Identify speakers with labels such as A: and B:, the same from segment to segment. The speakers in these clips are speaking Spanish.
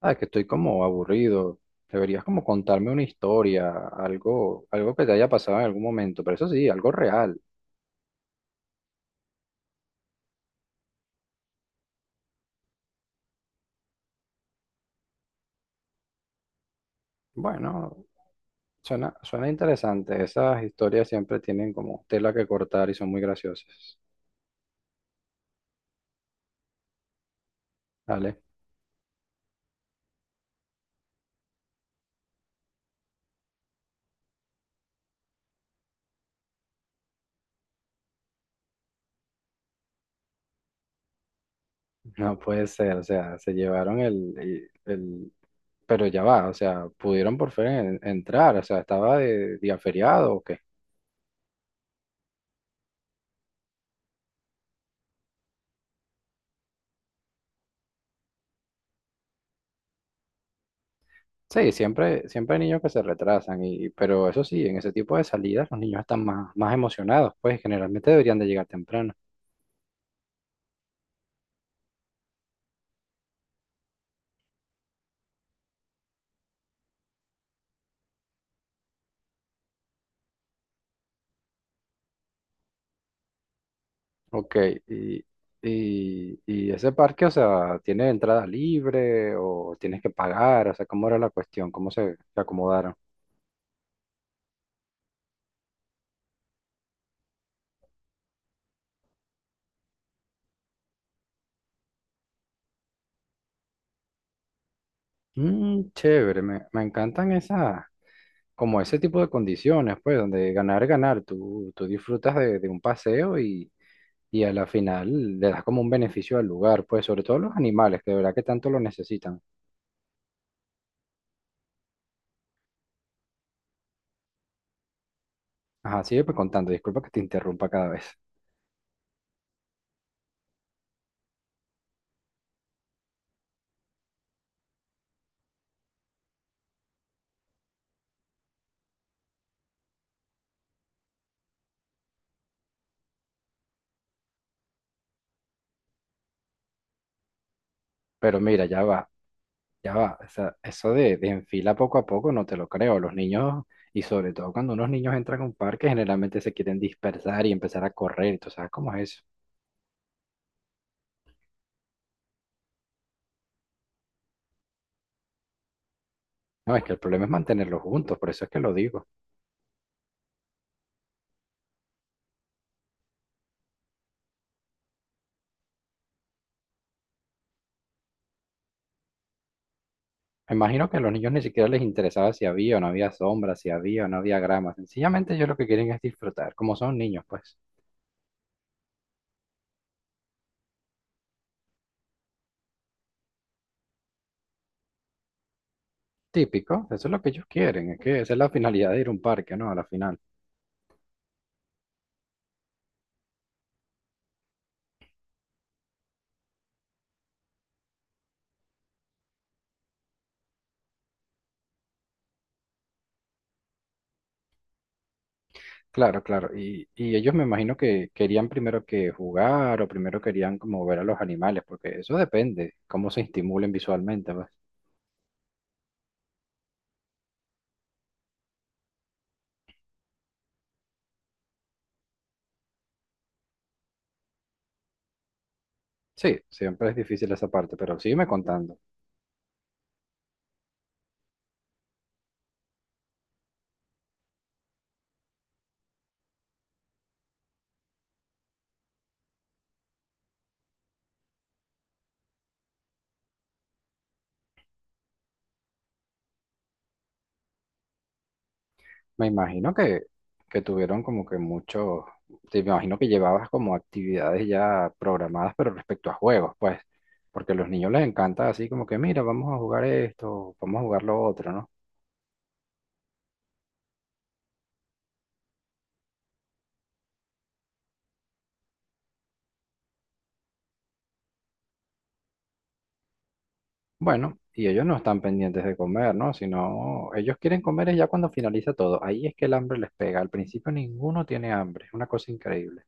A: Ah, que estoy como aburrido. Deberías como contarme una historia, algo que te haya pasado en algún momento, pero eso sí, algo real. Bueno, suena interesante. Esas historias siempre tienen como tela que cortar y son muy graciosas. ¿Vale? No puede ser, o sea, se llevaron el, y- el- pero ya va, o sea, pudieron por fin entrar, o sea, estaba de día feriado o qué. Sí, siempre hay niños que se retrasan, y, pero eso sí, en ese tipo de salidas los niños están más, más emocionados, pues generalmente deberían de llegar temprano. Ok, y, y ese parque, o sea, ¿tiene entrada libre o tienes que pagar? O sea, ¿cómo era la cuestión? ¿Cómo se acomodaron? Mm, chévere, me encantan esas, como ese tipo de condiciones, pues, donde ganar, ganar, tú disfrutas de un paseo y a la final le das como un beneficio al lugar, pues sobre todo a los animales, que de verdad que tanto lo necesitan. Ajá, sigue pues contando, disculpa que te interrumpa cada vez, pero mira, ya va, o sea, eso de en fila poco a poco no te lo creo, los niños, y sobre todo cuando unos niños entran a un parque, generalmente se quieren dispersar y empezar a correr, entonces, ¿sabes cómo es eso? No, es que el problema es mantenerlos juntos, por eso es que lo digo. Me imagino que a los niños ni siquiera les interesaba si había o no había sombra, si había o no había grama. Sencillamente ellos lo que quieren es disfrutar, como son niños, pues. Típico, eso es lo que ellos quieren, es que esa es la finalidad de ir a un parque, ¿no? A la final. Claro, claro. Y ellos me imagino que querían primero que jugar o primero querían como ver a los animales, porque eso depende, cómo se estimulen visualmente, pues. Sí, siempre es difícil esa parte, pero sígueme contando. Me imagino que tuvieron como que muchos, te me imagino que llevabas como actividades ya programadas, pero respecto a juegos, pues, porque a los niños les encanta así como que, mira, vamos a jugar esto, vamos a jugar lo otro, ¿no? Bueno, y ellos no están pendientes de comer, ¿no? Sino ellos quieren comer es ya cuando finaliza todo. Ahí es que el hambre les pega. Al principio ninguno tiene hambre. Es una cosa increíble.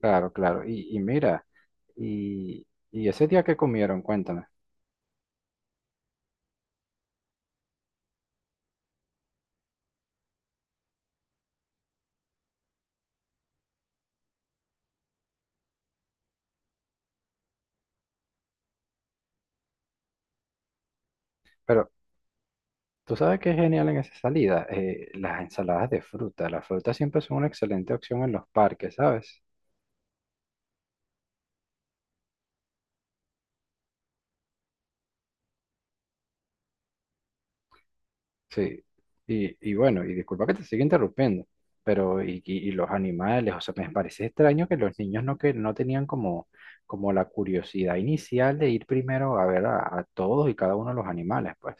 A: Claro, claro. Y mira, y- y ese día que comieron, cuéntame. Pero tú sabes que es genial en esa salida. Las ensaladas de fruta. Las frutas siempre son una excelente opción en los parques, ¿sabes? Sí, y bueno, y disculpa que te siga interrumpiendo, pero y los animales, o sea, me parece extraño que los niños no, que no tenían como, como la curiosidad inicial de ir primero a ver a todos y cada uno de los animales, pues.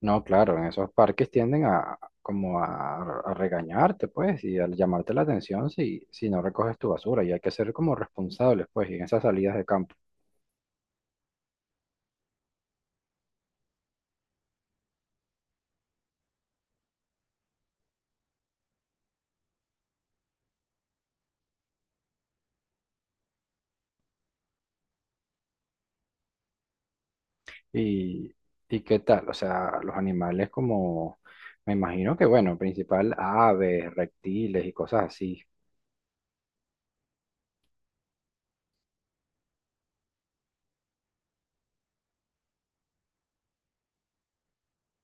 A: No, claro, en esos parques tienden a como a regañarte, pues, y a llamarte la atención si, si no recoges tu basura, y hay que ser como responsables, pues, y en esas salidas de campo. ¿Y, y qué tal? O sea, los animales como, me imagino que, bueno, principal aves, reptiles y cosas así.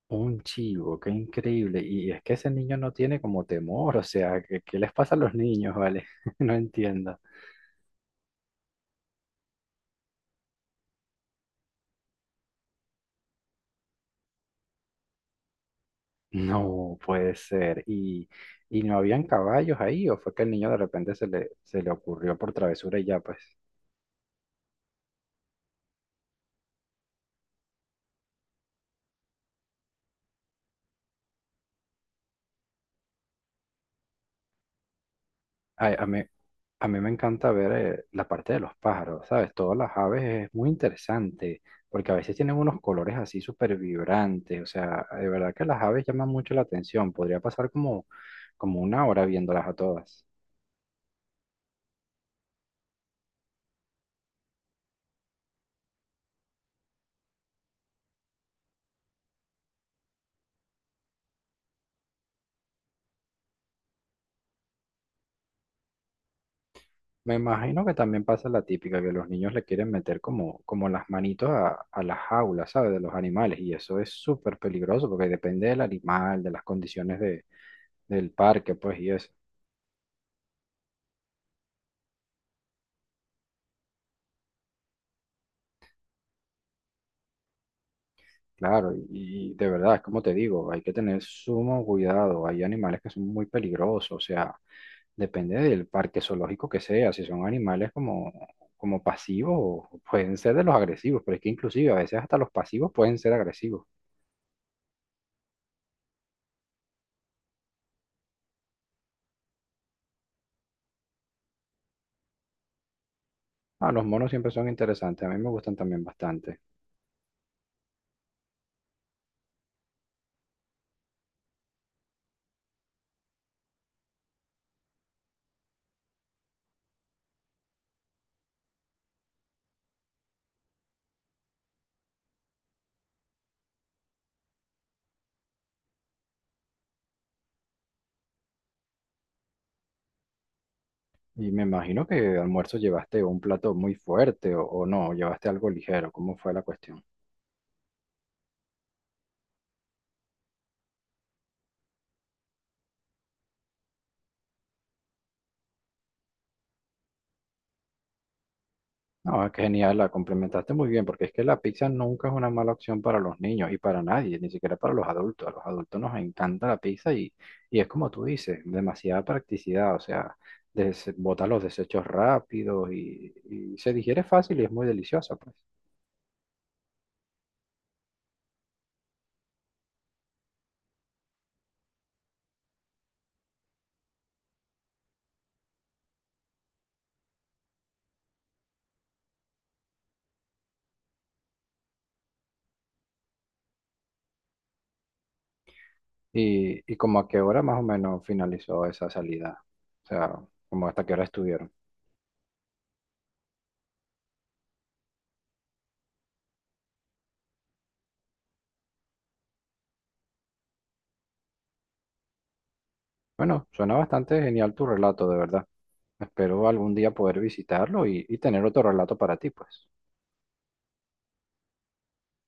A: Un chivo, qué increíble. Y es que ese niño no tiene como temor, o sea, ¿qué, qué les pasa a los niños, vale? No entiendo. No puede ser. Y no habían caballos ahí o fue que el niño de repente se le ocurrió por travesura y ya, pues? Ay, a mí me encanta ver la parte de los pájaros, ¿sabes? Todas las aves es muy interesante, porque a veces tienen unos colores así súper vibrantes, o sea, de verdad que las aves llaman mucho la atención, podría pasar como, como una hora viéndolas a todas. Me imagino que también pasa la típica, que los niños le quieren meter como, como las manitos a las jaulas, ¿sabes? De los animales, y eso es súper peligroso, porque depende del animal, de las condiciones de, del parque, pues, y eso. Claro, y de verdad, es como te digo, hay que tener sumo cuidado. Hay animales que son muy peligrosos, o sea, depende del parque zoológico que sea, si son animales como, como pasivos, pueden ser de los agresivos, pero es que inclusive a veces hasta los pasivos pueden ser agresivos. Ah, los monos siempre son interesantes, a mí me gustan también bastante. Y me imagino que almuerzo llevaste un plato muy fuerte o no, llevaste algo ligero, ¿cómo fue la cuestión? No, es genial, la complementaste muy bien, porque es que la pizza nunca es una mala opción para los niños y para nadie, ni siquiera para los adultos. A los adultos nos encanta la pizza y es como tú dices, demasiada practicidad, o sea, des- bota los desechos rápidos y se digiere fácil y es muy deliciosa, pues. Y como a qué hora más o menos finalizó esa salida, o sea, como hasta qué hora estuvieron. Bueno, suena bastante genial tu relato, de verdad. Espero algún día poder visitarlo y tener otro relato para ti, pues.